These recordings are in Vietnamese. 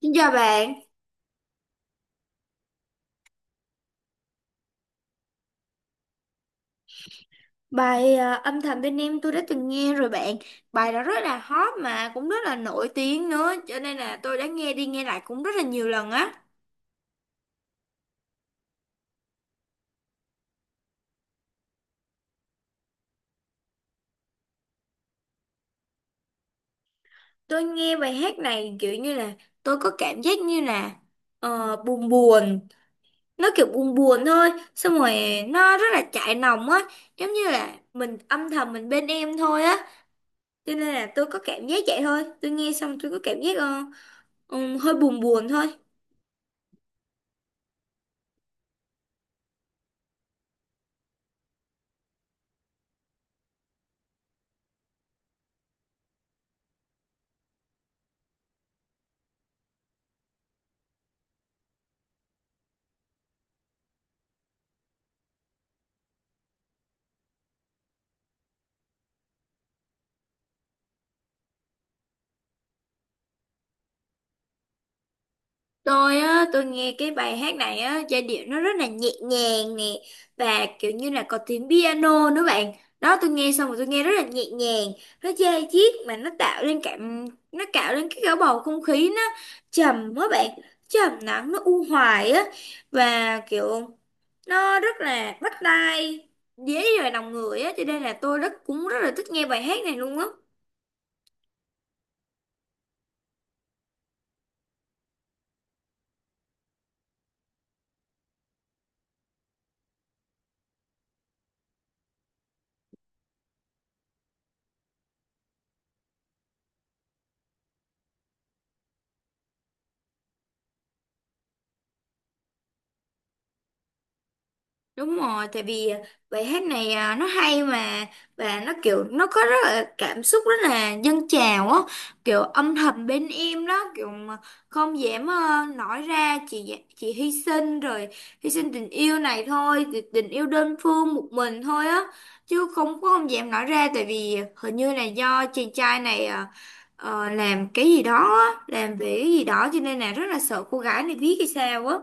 Xin chào bạn, âm thầm bên em tôi đã từng nghe rồi bạn. Bài đó rất là hot mà cũng rất là nổi tiếng nữa. Cho nên là tôi đã nghe đi nghe lại cũng rất là nhiều lần á. Tôi nghe bài hát này kiểu như là tôi có cảm giác như là buồn buồn. Nó kiểu buồn buồn thôi. Xong rồi nó rất là chạnh lòng á. Giống như là mình âm thầm mình bên em thôi á. Cho nên là tôi có cảm giác vậy thôi. Tôi nghe xong tôi có cảm giác hơi buồn buồn thôi. Tôi nghe cái bài hát này á, giai điệu nó rất là nhẹ nhàng nè và kiểu như là có tiếng piano nữa bạn. Đó, tôi nghe xong rồi tôi nghe rất là nhẹ nhàng, nó da diết mà nó tạo lên cái cả bầu không khí, nó trầm quá bạn, trầm lắng, nó u hoài á và kiểu nó rất là bắt tai, dễ vào lòng người á, cho nên là tôi rất cũng rất là thích nghe bài hát này luôn á. Đúng rồi, tại vì bài hát này à, nó hay mà và nó kiểu nó có rất là cảm xúc, rất là dâng trào á, kiểu âm thầm bên em đó, kiểu mà không dám nói ra, chỉ hy sinh rồi, hy sinh tình yêu này thôi, thì tình yêu đơn phương một mình thôi á, chứ không có, không dám nói ra, tại vì hình như là do chàng trai này làm cái gì đó á, làm về cái gì đó, cho nên là rất là sợ cô gái này biết hay sao á.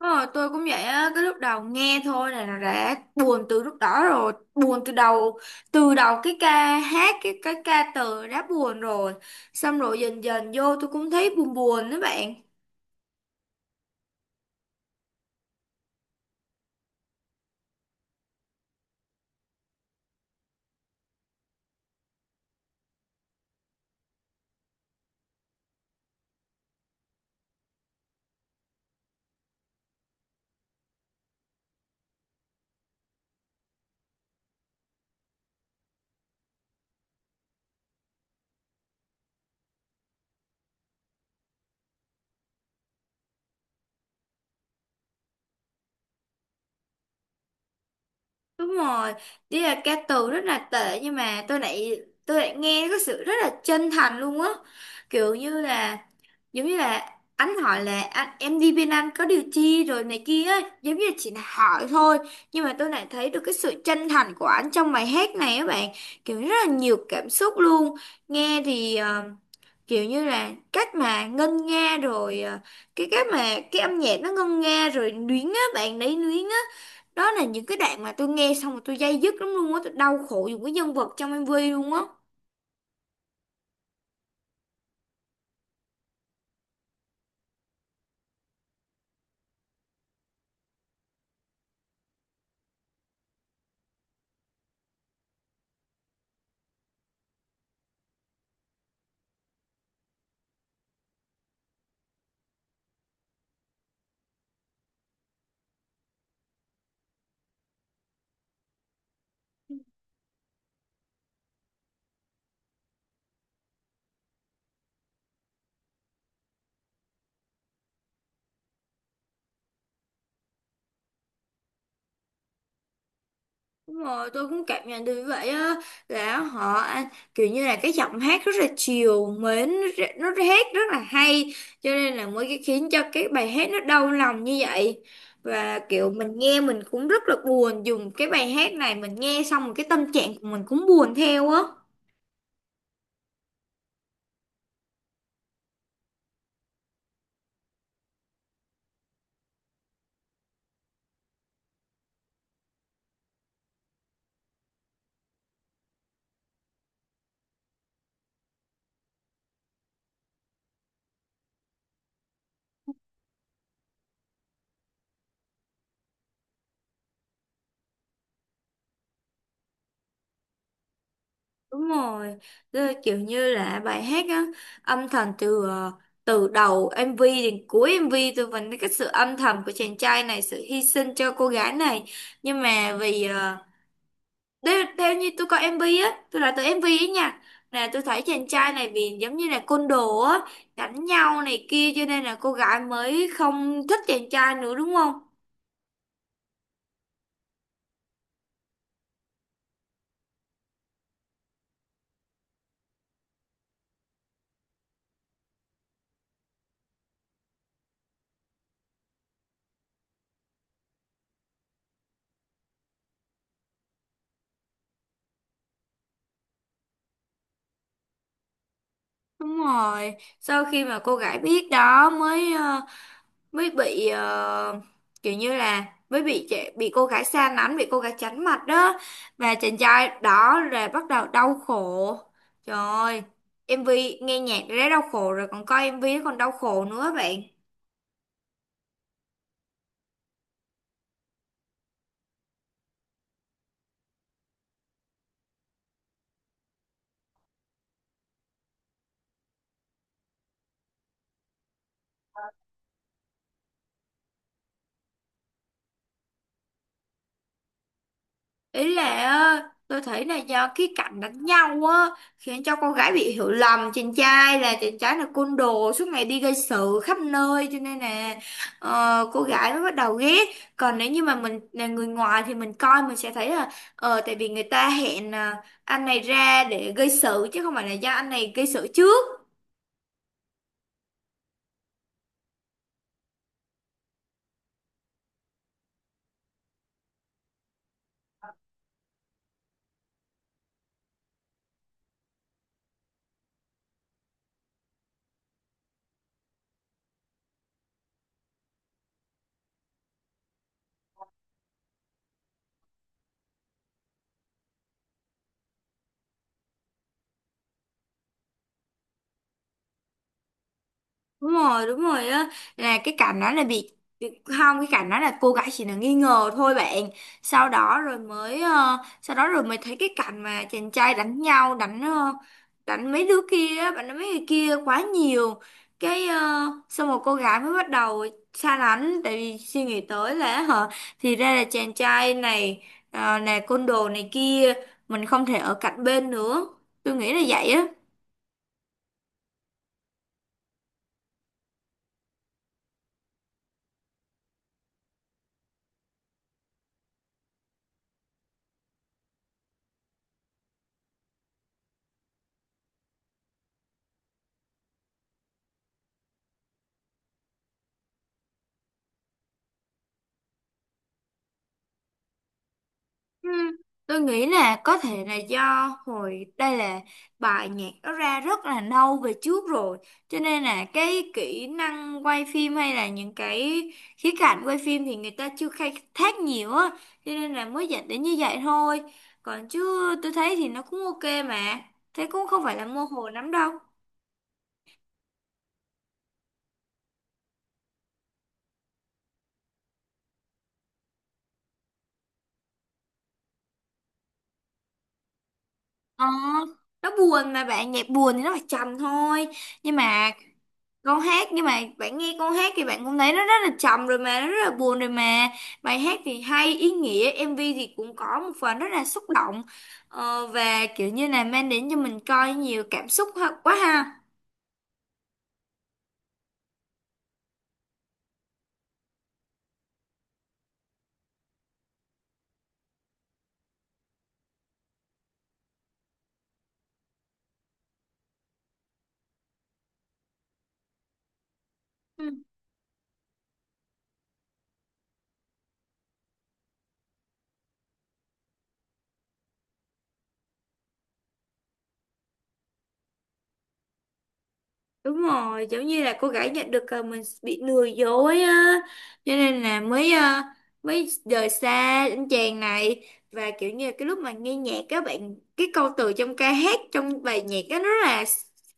Ờ, tôi cũng vậy á, cái lúc đầu nghe thôi này là đã buồn từ lúc đó rồi, buồn từ đầu, từ đầu cái ca hát, cái ca từ đã buồn rồi. Xong rồi dần dần vô tôi cũng thấy buồn buồn đó bạn. Đúng rồi, đi là ca từ rất là tệ nhưng mà tôi lại nghe có sự rất là chân thành luôn á. Kiểu như là giống như là anh hỏi là anh em đi bên anh có điều chi rồi này kia ấy. Giống như chỉ là hỏi thôi, nhưng mà tôi lại thấy được cái sự chân thành của anh trong bài hát này á bạn, kiểu rất là nhiều cảm xúc luôn. Nghe thì kiểu như là cách mà ngân nga rồi, cái cách mà cái âm nhạc nó ngân nga rồi luyến á bạn, đấy, luyến á. Đó là những cái đoạn mà tôi nghe xong rồi tôi day dứt lắm luôn á, tôi đau khổ dùng cái nhân vật trong MV luôn á. Đúng rồi, tôi cũng cảm nhận được vậy á, là họ anh kiểu như là cái giọng hát rất là chiều mến, nó hát rất là hay, cho nên là mới cái khiến cho cái bài hát nó đau lòng như vậy. Và kiểu mình nghe mình cũng rất là buồn dùng cái bài hát này, mình nghe xong rồi cái tâm trạng của mình cũng buồn theo á. Đúng rồi, tức kiểu như là bài hát á, âm thầm từ từ đầu MV đến cuối MV tôi vẫn thấy cái sự âm thầm của chàng trai này, sự hy sinh cho cô gái này. Nhưng mà vì theo như tôi coi MV á, tôi là từ MV ấy nha, là tôi thấy chàng trai này vì giống như là côn đồ á, đánh nhau này kia, cho nên là cô gái mới không thích chàng trai nữa, đúng không? Đúng rồi, sau khi mà cô gái biết đó mới mới bị kiểu như là bị cô gái xa lánh, bị cô gái tránh mặt đó, và chàng trai đó là bắt đầu đau khổ. Trời ơi, MV nghe nhạc đã đau khổ rồi còn coi em nó còn đau khổ nữa bạn. Ý là á, tôi thấy là do cái cảnh đánh nhau á khiến cho con gái bị hiểu lầm chàng trai, là chàng trai là côn đồ suốt ngày đi gây sự khắp nơi, cho nên là cô gái mới bắt đầu ghét. Còn nếu như mà mình là người ngoài thì mình coi mình sẽ thấy là tại vì người ta hẹn à, anh này ra để gây sự chứ không phải là do anh này gây sự trước. Đúng rồi, đúng rồi á, là cái cảnh đó là bị, không, cái cảnh đó là cô gái chỉ là nghi ngờ thôi bạn. Sau đó rồi mới sau đó rồi mới thấy cái cảnh mà chàng trai đánh nhau, đánh mấy đứa kia á, bạn, đánh mấy người kia quá nhiều cái. Ờ, Xong rồi cô gái mới bắt đầu xa lánh, tại vì suy nghĩ tới là, hả, thì ra là chàng trai này là côn đồ này kia, mình không thể ở cạnh bên nữa. Tôi nghĩ là vậy á. Ừ, tôi nghĩ là có thể là do hồi đây là bài nhạc nó ra rất là lâu về trước rồi, cho nên là cái kỹ năng quay phim hay là những cái khía cạnh quay phim thì người ta chưa khai thác nhiều á, cho nên là mới dẫn đến như vậy thôi. Còn chứ tôi thấy thì nó cũng ok mà, thế cũng không phải là mơ hồ lắm đâu. Ờ, nó buồn mà bạn, nhạc buồn thì nó phải trầm thôi, nhưng mà con hát, nhưng mà bạn nghe con hát thì bạn cũng thấy nó rất là trầm rồi mà, nó rất là buồn rồi mà. Bài hát thì hay ý nghĩa, MV thì cũng có một phần rất là xúc động, và kiểu như là mang đến cho mình coi nhiều cảm xúc quá ha. Đúng rồi, giống như là cô gái nhận được mình bị lừa dối á, cho nên là mới mới rời xa anh chàng này. Và kiểu như là cái lúc mà nghe nhạc các bạn, cái câu từ trong ca hát, trong bài nhạc á, nó rất là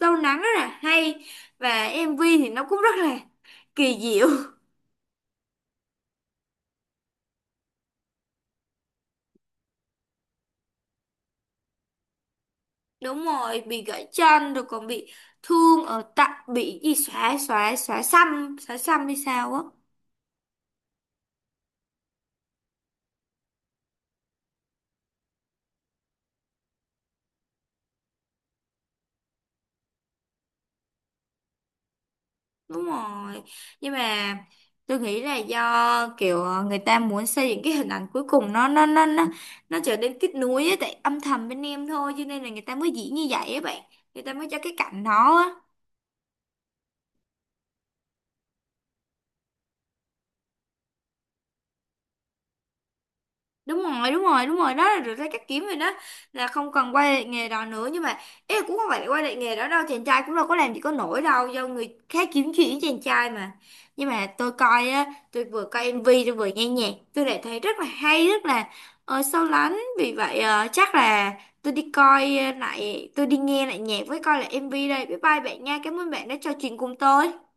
sâu lắng, rất là hay, và em MV thì nó cũng rất là kỳ diệu. Đúng rồi, bị gãy chân rồi còn bị thương ở tặng, bị gì, xóa xóa xóa xăm hay sao á. Đúng rồi. Nhưng mà tôi nghĩ là do kiểu người ta muốn xây dựng cái hình ảnh cuối cùng, nó trở nên kết nối ấy, tại âm thầm bên em thôi, cho nên là người ta mới diễn như vậy á bạn. Người ta mới cho cái cảnh đó á. Đúng rồi, đó là được cái cách kiếm rồi đó, là không cần quay lại nghề đó nữa, nhưng mà ý là cũng không phải là quay lại nghề đó đâu, chàng trai cũng đâu có làm gì có nổi đâu, do người khác kiếm chuyện với chàng trai mà. Nhưng mà tôi coi á, tôi vừa coi MV tôi vừa nghe nhạc, tôi lại thấy rất là hay, rất là sâu lắng. Vì vậy chắc là tôi đi coi lại, tôi đi nghe lại nhạc với coi lại MV đây. Bye bye bạn nha, cảm ơn bạn đã trò chuyện cùng tôi.